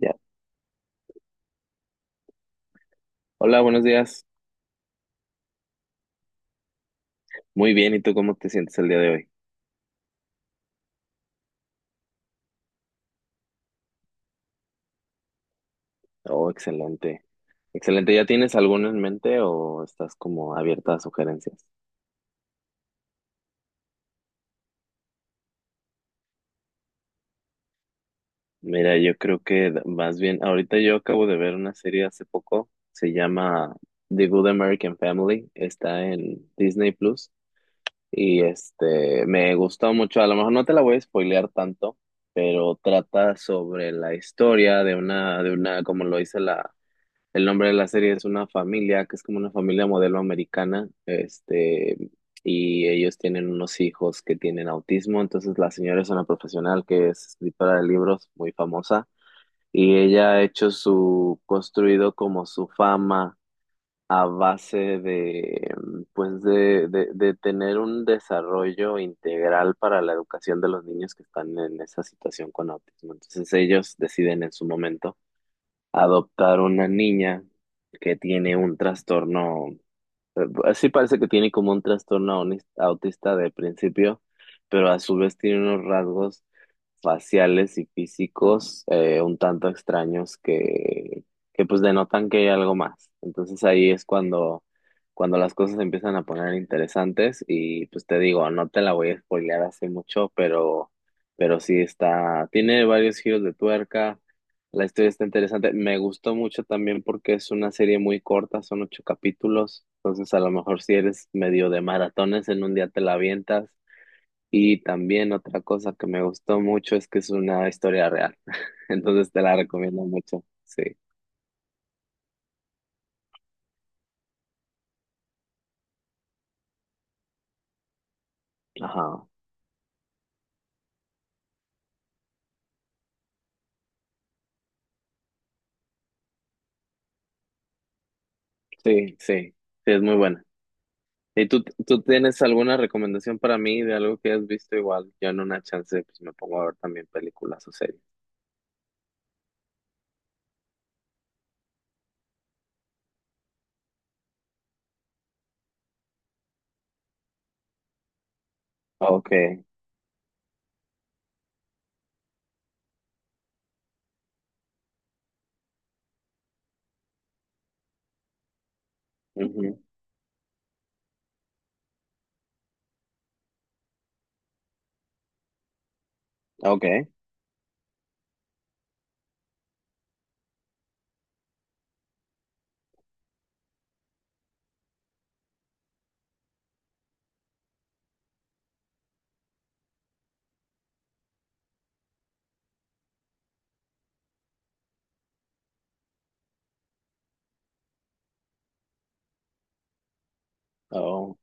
Ya. Hola, buenos días. Muy bien, ¿y tú cómo te sientes el día de hoy? Oh, excelente. Excelente. ¿Ya tienes alguno en mente o estás como abierta a sugerencias? Mira, yo creo que más bien, ahorita yo acabo de ver una serie hace poco, se llama The Good American Family, está en Disney Plus y me gustó mucho, a lo mejor no te la voy a spoilear tanto, pero trata sobre la historia de una como lo dice la. El nombre de la serie es una familia, que es como una familia modelo americana, y ellos tienen unos hijos que tienen autismo. Entonces la señora es una profesional que es escritora de libros muy famosa, y ella ha hecho su, construido como su fama a base de, pues de tener un desarrollo integral para la educación de los niños que están en esa situación con autismo. Entonces ellos deciden en su momento adoptar una niña que tiene un trastorno, así parece que tiene como un trastorno autista de principio, pero a su vez tiene unos rasgos faciales y físicos un tanto extraños que pues denotan que hay algo más. Entonces ahí es cuando, cuando las cosas se empiezan a poner interesantes y pues te digo, no te la voy a spoilear hace mucho, pero sí está, tiene varios giros de tuerca, la historia está interesante, me gustó mucho también porque es una serie muy corta, son 8 capítulos. Entonces a lo mejor si eres medio de maratones en un día te la avientas. Y también otra cosa que me gustó mucho es que es una historia real. Entonces te la recomiendo mucho. Sí. Ajá. Sí, sí. Sí, es muy buena. ¿Y tú, tienes alguna recomendación para mí de algo que has visto igual? Yo en una chance pues me pongo a ver también películas o series. Okay. Ujú. Okay. Oh,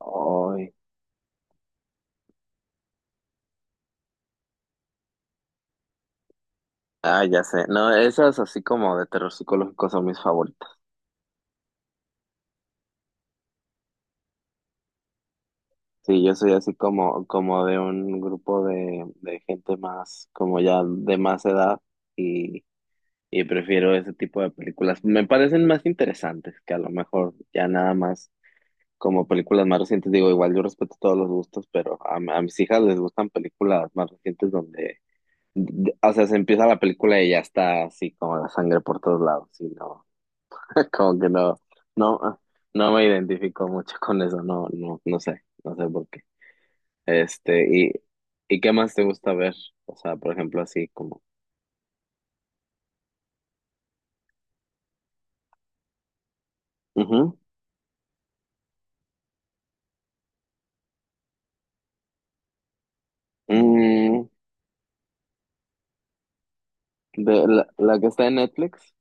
ay. Ah, ya sé. No, esas así como de terror psicológico son mis favoritas. Sí, yo soy así como, como de un grupo de gente más, como ya de más edad y, y prefiero ese tipo de películas. Me parecen más interesantes que a lo mejor ya nada más como películas más recientes. Digo, igual yo respeto todos los gustos, pero a mis hijas les gustan películas más recientes donde, o sea, se empieza la película y ya está así como la sangre por todos lados. Y no, como que no, no, no me identifico mucho con eso, no, no, no sé, no sé por qué. Este, y, ¿Y qué más te gusta ver? O sea, por ejemplo, así como. Ujú. Mm, de la que está en Netflix.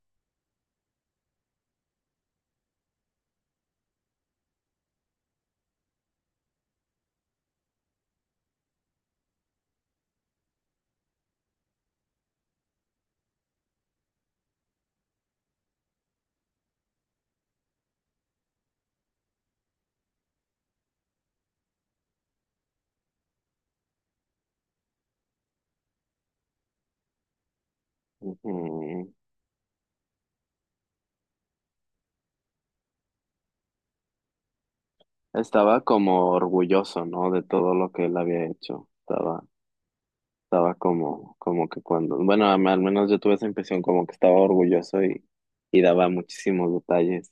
Ujú. Estaba como orgulloso, ¿no? De todo lo que él había hecho. Estaba, estaba como, como que cuando. Bueno, al menos yo tuve esa impresión como que estaba orgulloso y daba muchísimos detalles.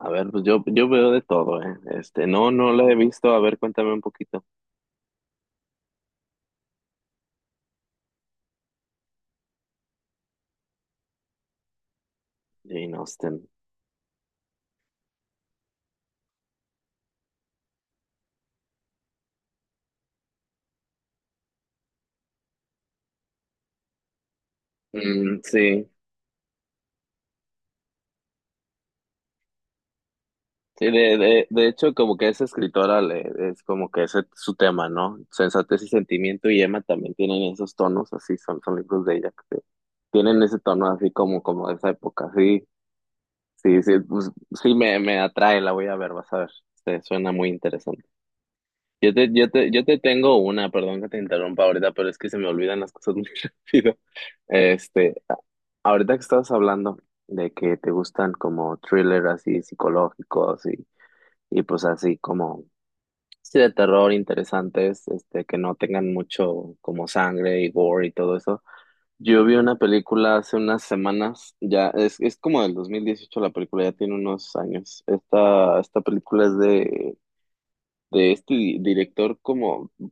A ver, pues yo veo de todo, ¿eh? No, no la he visto. A ver, cuéntame un poquito. Jane Austen. Mm, sí. Sí, de hecho, como que esa escritora le, es como que ese es su tema, ¿no? Sensatez y sentimiento y Emma también tienen esos tonos, así son, son libros de ella que tienen ese tono así como, como de esa época. Sí, sí, sí, pues, sí me atrae, la voy a ver, vas a ver. Suena muy interesante. Yo te tengo una, perdón que te interrumpa ahorita, pero es que se me olvidan las cosas muy rápido. Este, ahorita que estabas hablando de que te gustan como thrillers así psicológicos y pues así como. Sí, de terror interesantes, que no tengan mucho como sangre y gore y todo eso. Yo vi una película hace unas semanas, ya es como del 2018 la película, ya tiene unos años. Esta película es de este director como,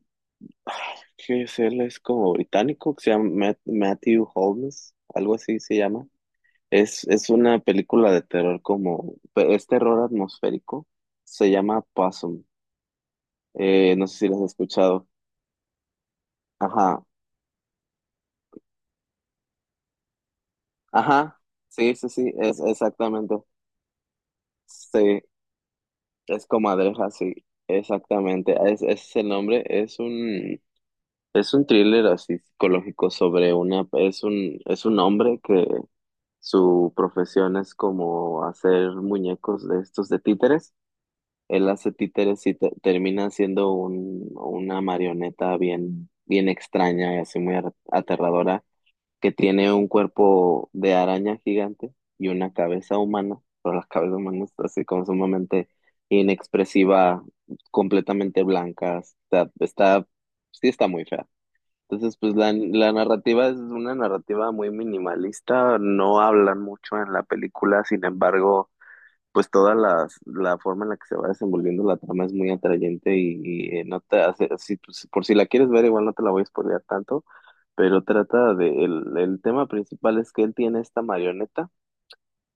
ay, ¿qué es él? Es como británico, que se llama Matthew Holmes, algo así se llama. Es una película de terror como, es terror atmosférico, se llama Possum. No sé si la has escuchado. Ajá, ajá, sí, sí, sí, es exactamente. Sí, es Comadreja, sí, exactamente. Es, ese es el nombre, es un thriller así psicológico sobre una, es un hombre que su profesión es como hacer muñecos de estos de títeres. Él hace títeres y termina siendo un, una marioneta bien, bien extraña y así muy aterradora que tiene un cuerpo de araña gigante y una cabeza humana, pero la cabeza humana está así como sumamente inexpresiva, completamente blanca, está, está, sí está muy fea. Entonces, pues la narrativa es una narrativa muy minimalista, no hablan mucho en la película, sin embargo, pues toda la, la forma en la que se va desenvolviendo la trama es muy atrayente y, no te hace, si, pues, por si la quieres ver, igual no te la voy a spoilear tanto, pero trata de, el tema principal es que él tiene esta marioneta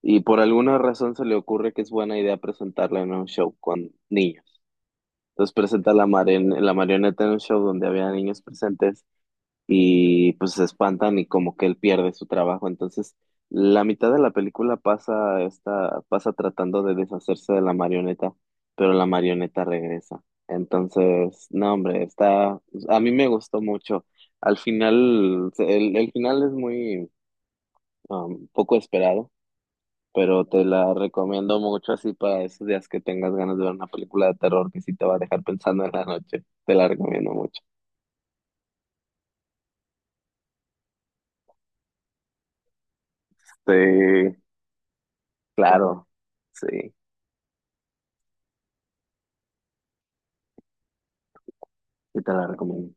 y por alguna razón se le ocurre que es buena idea presentarla en un show con niños. Entonces presenta la, la marioneta en un show donde había niños presentes y pues se espantan y como que él pierde su trabajo. Entonces, la mitad de la película pasa esta, pasa tratando de deshacerse de la marioneta, pero la marioneta regresa. Entonces, no, hombre, está, a mí me gustó mucho. Al final, el final es muy poco esperado, pero te la recomiendo mucho así para esos días que tengas ganas de ver una película de terror que sí te va a dejar pensando en la noche. Te la recomiendo mucho. Sí, claro, sí. Y te la recomiendo.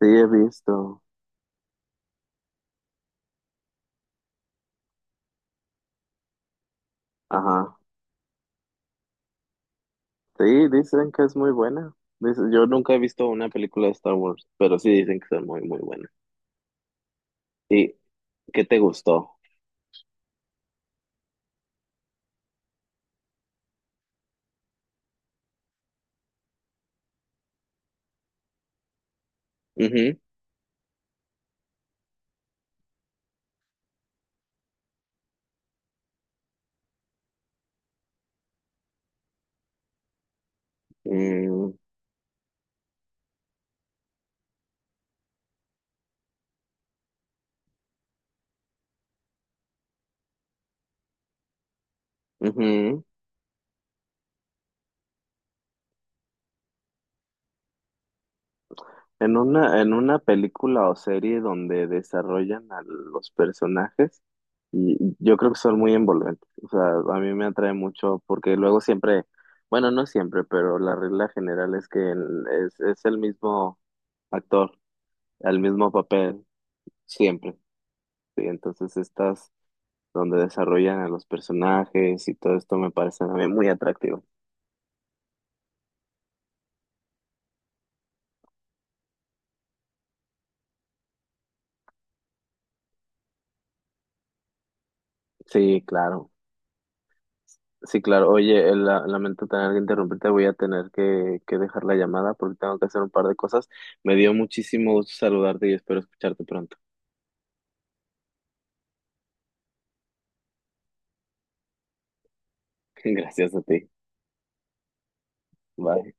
Sí, he visto. Ajá. Sí, dicen que es muy buena. Yo nunca he visto una película de Star Wars, pero sí dicen que son muy, muy buenas. ¿Y qué te gustó? Ujú, mm, ujú. En una película o serie donde desarrollan a los personajes, y yo creo que son muy envolventes. O sea, a mí me atrae mucho porque luego siempre, bueno, no siempre, pero la regla general es que es el mismo actor, el mismo papel. Siempre. Sí, entonces estas donde desarrollan a los personajes y todo esto me parece a mí muy atractivo. Sí, claro. Sí, claro. Oye, lamento tener que interrumpirte, voy a tener que dejar la llamada porque tengo que hacer un par de cosas. Me dio muchísimo gusto saludarte y espero escucharte pronto. Gracias a ti. Bye.